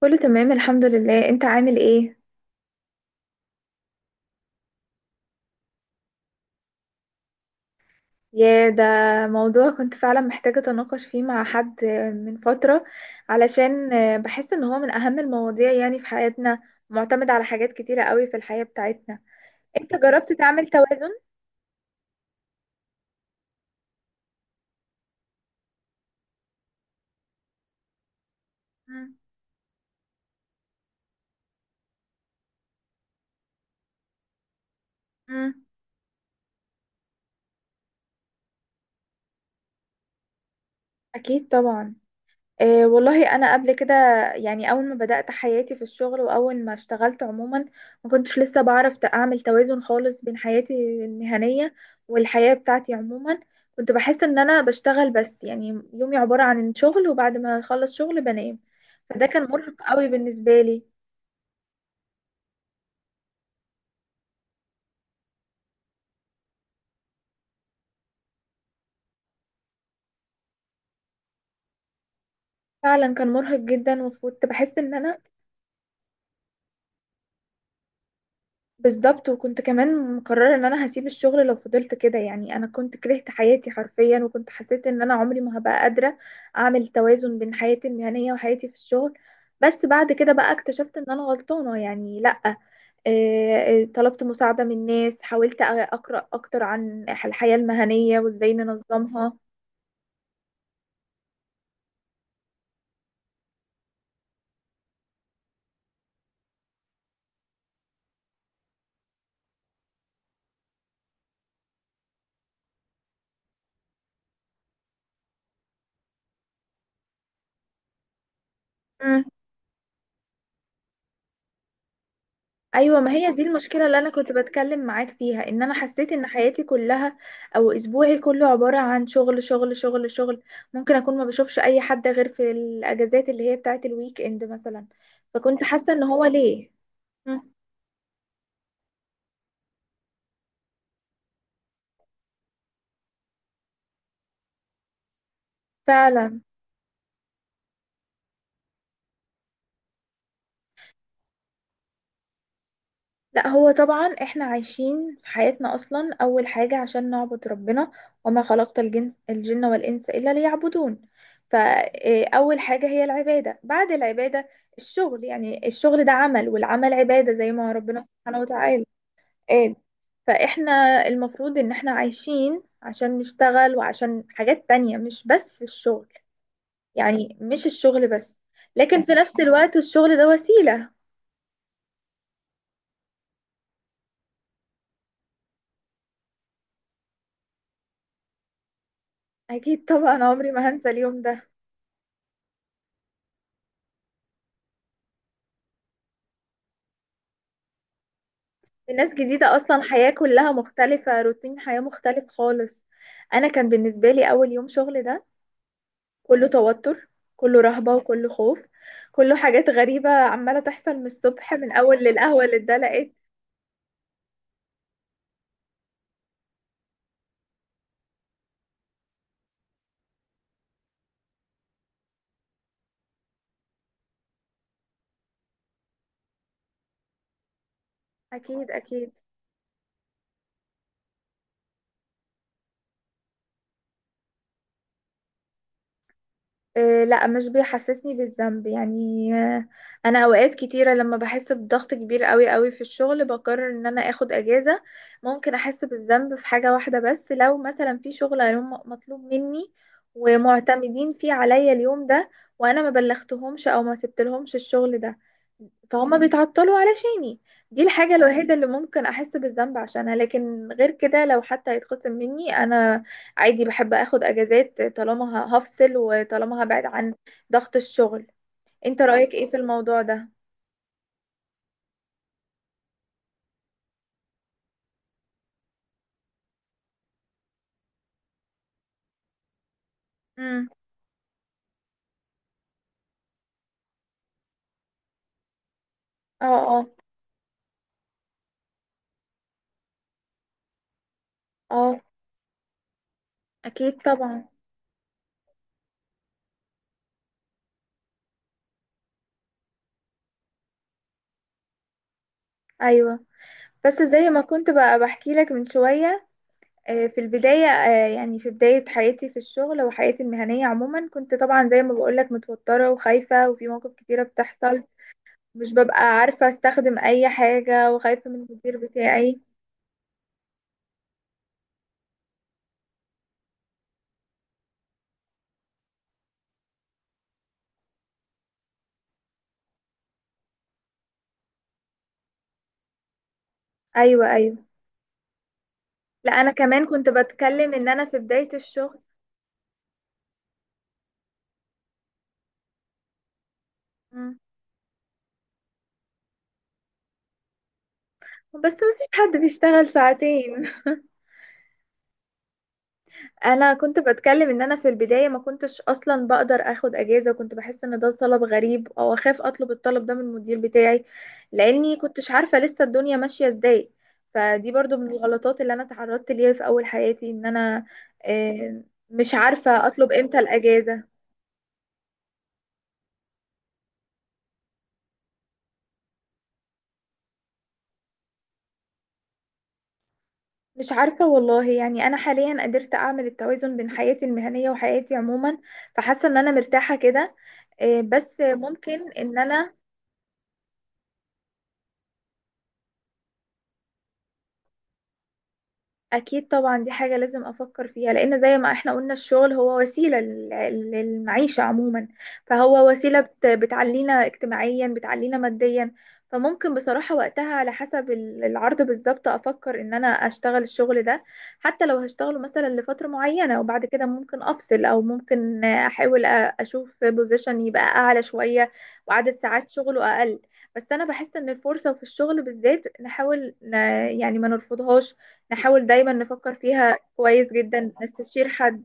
كله تمام، الحمد لله. انت عامل ايه؟ يا ده موضوع كنت فعلا محتاجة اتناقش فيه مع حد من فترة، علشان بحس ان هو من اهم المواضيع يعني في حياتنا، معتمد على حاجات كتيرة قوي في الحياة بتاعتنا. انت جربت تعمل توازن؟ مم. مم. اكيد طبعا. إيه والله انا قبل كده يعني اول ما بدأت حياتي في الشغل واول ما اشتغلت عموما، ما كنتش لسه بعرف اعمل توازن خالص بين حياتي المهنية والحياة بتاعتي عموما. كنت بحس ان انا بشتغل بس، يعني يومي عبارة عن شغل، وبعد ما اخلص شغل بنام. فده كان مرهق قوي بالنسبة لي. فعلا كان مرهق جدا وكنت بحس ان انا بالظبط، وكنت كمان مقررة ان انا هسيب الشغل لو فضلت كده. يعني انا كنت كرهت حياتي حرفيا، وكنت حسيت ان انا عمري ما هبقى قادرة اعمل توازن بين حياتي المهنية وحياتي في الشغل. بس بعد كده بقى اكتشفت ان انا غلطانة، يعني لا. طلبت مساعدة من ناس، حاولت اقرأ اكتر عن الحياة المهنية وازاي ننظمها. ايوه، ما هي دي المشكله اللي انا كنت بتكلم معاك فيها، ان انا حسيت ان حياتي كلها او اسبوعي كله عباره عن شغل شغل شغل شغل. ممكن اكون ما بشوفش اي حد غير في الاجازات اللي هي بتاعه الويك اند مثلا. فكنت حاسه ان هو ليه. مم. فعلا. لا هو طبعا احنا عايشين في حياتنا اصلا اول حاجة عشان نعبد ربنا، وما خلقت الجن والانس الا ليعبدون. فاول حاجة هي العبادة. بعد العبادة الشغل. يعني الشغل ده عمل، والعمل عبادة زي ما ربنا سبحانه وتعالى قال. فاحنا المفروض ان احنا عايشين عشان نشتغل وعشان حاجات تانية، مش بس الشغل. يعني مش الشغل بس، لكن في نفس الوقت الشغل ده وسيلة. اكيد طبعا، عمري ما هنسى اليوم ده. ناس جديدة أصلا، حياة كلها مختلفة، روتين حياة مختلف خالص. أنا كان بالنسبة لي أول يوم شغل ده كله توتر، كله رهبة وكله خوف، كله حاجات غريبة عمالة تحصل من الصبح، من أول للقهوة اللي اتدلقت. أكيد أكيد. لا مش بيحسسني بالذنب، يعني انا اوقات كتيره لما بحس بضغط كبير قوي قوي في الشغل بقرر ان انا اخد اجازه. ممكن احس بالذنب في حاجه واحده بس، لو مثلا في شغل مطلوب مني ومعتمدين فيه عليا اليوم ده، وانا ما بلغتهمش او ما سبتلهمش الشغل ده، فهم بيتعطلوا علشاني. دي الحاجه الوحيده اللي ممكن احس بالذنب عشانها. لكن غير كده، لو حتى هيتخصم مني انا عادي، بحب اخد اجازات طالما هفصل وطالما هبعد عن ضغط الشغل. انت رأيك ايه في الموضوع ده؟ امم. اه، اه. اه. اكيد طبعا. ايوه. بس زي ما كنت بقى بحكي لك من شوية، في البداية، يعني في بداية حياتي في الشغل وحياتي المهنية عموما، كنت طبعا زي ما بقولك متوترة وخايفة، وفي مواقف كتيرة بتحصل. مش ببقى عارفة استخدم اي حاجة، وخايفة من المدير بتاعي. ايوه، ايوه. لا، انا كمان كنت بتكلم ان انا في بداية الشغل، بس ما فيش حد بيشتغل ساعتين. انا كنت بتكلم ان انا في البداية ما كنتش اصلا بقدر اخد اجازة، وكنت بحس ان ده طلب غريب، او اخاف اطلب الطلب ده من المدير بتاعي، لاني كنتش عارفة لسه الدنيا ماشية ازاي. فدي برضو من الغلطات اللي انا تعرضت ليها في اول حياتي، ان انا آه، مش عارفة اطلب امتى الاجازة. مش عارفة والله، يعني انا حاليا قدرت اعمل التوازن بين حياتي المهنية وحياتي عموما، فحاسة ان انا مرتاحة كده. بس ممكن ان انا، اكيد طبعا دي حاجة لازم افكر فيها، لان زي ما احنا قلنا الشغل هو وسيلة للمعيشة عموما. فهو وسيلة بتعلينا اجتماعيا، بتعلينا ماديا. فممكن بصراحة وقتها على حسب العرض بالظبط افكر ان انا اشتغل الشغل ده، حتى لو هشتغله مثلا لفترة معينة، وبعد كده ممكن افصل، او ممكن احاول اشوف بوزيشن يبقى اعلى شوية وعدد ساعات شغله اقل. بس انا بحس ان الفرصة في الشغل بالذات نحاول يعني ما نرفضهاش، نحاول دايما نفكر فيها كويس جدا، نستشير حد.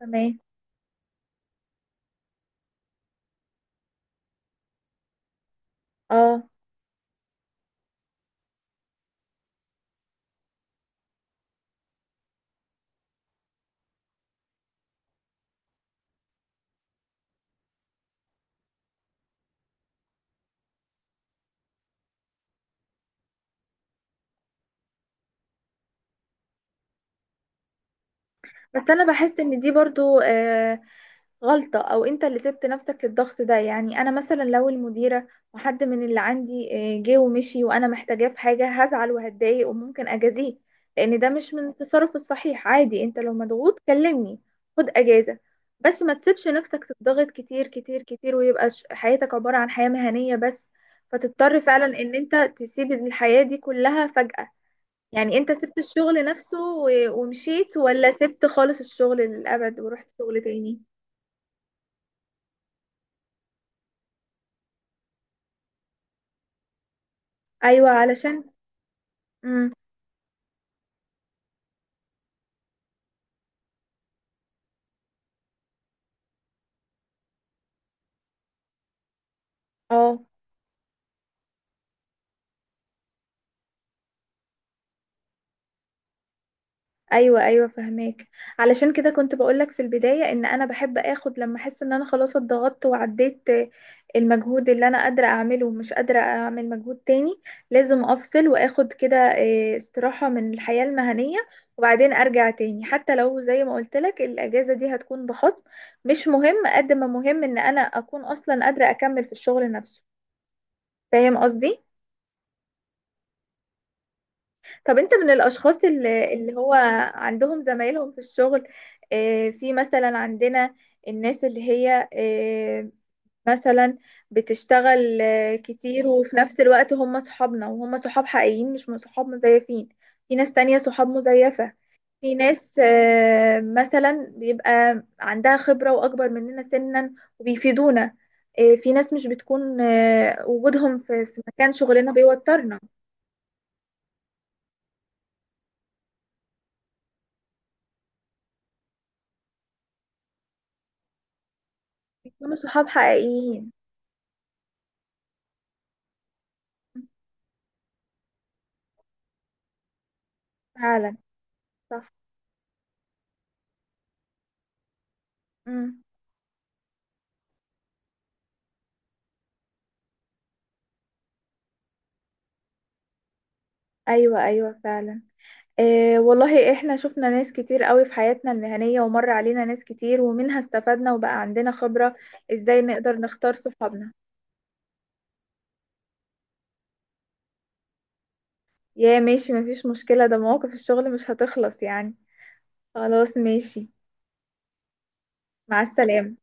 تمام. اه. بس انا بحس ان دي برضو غلطة، أو أنت اللي سبت نفسك للضغط ده. يعني أنا مثلا لو المديرة وحد من اللي عندي جه ومشي وأنا محتاجاه في حاجة، هزعل وهتضايق وممكن أجازيه، لأن ده مش من التصرف الصحيح. عادي أنت لو مضغوط كلمني، خد أجازة، بس ما تسيبش نفسك تضغط كتير كتير كتير، ويبقى حياتك عبارة عن حياة مهنية بس، فتضطر فعلا إن أنت تسيب الحياة دي كلها فجأة. يعني أنت سبت الشغل نفسه ومشيت، ولا سبت خالص الشغل للأبد ورحت شغل تاني؟ ايوه علشان. امم. اه. ايوه، ايوه، فهماك. علشان كده كنت بقولك في البدايه ان انا بحب اخد، لما احس ان انا خلاص اتضغطت وعديت المجهود اللي انا قادره اعمله ومش قادره اعمل مجهود تاني، لازم افصل واخد كده استراحه من الحياه المهنيه، وبعدين ارجع تاني. حتى لو زي ما قلت لك الاجازه دي هتكون بخصم، مش مهم، قد ما مهم ان انا اكون اصلا قادره اكمل في الشغل نفسه. فاهم قصدي؟ طب انت من الاشخاص اللي هو عندهم زمايلهم في الشغل؟ في مثلا عندنا الناس اللي هي مثلا بتشتغل كتير، وفي نفس الوقت هم صحابنا، وهم صحاب حقيقيين مش من صحاب مزيفين. في ناس تانية صحاب مزيفة. في ناس مثلا بيبقى عندها خبرة واكبر مننا سنا وبيفيدونا. في ناس مش بتكون وجودهم في مكان شغلنا بيوترنا. بيكونوا صحاب حقيقيين. فعلا، صح. امم. ايوه، ايوه فعلا. إيه والله احنا شفنا ناس كتير قوي في حياتنا المهنية، ومر علينا ناس كتير، ومنها استفدنا وبقى عندنا خبرة. ازاي نقدر نختار صحابنا؟ يا ماشي، مفيش مشكلة، ده مواقف الشغل مش هتخلص يعني. خلاص، ماشي. مع السلامة.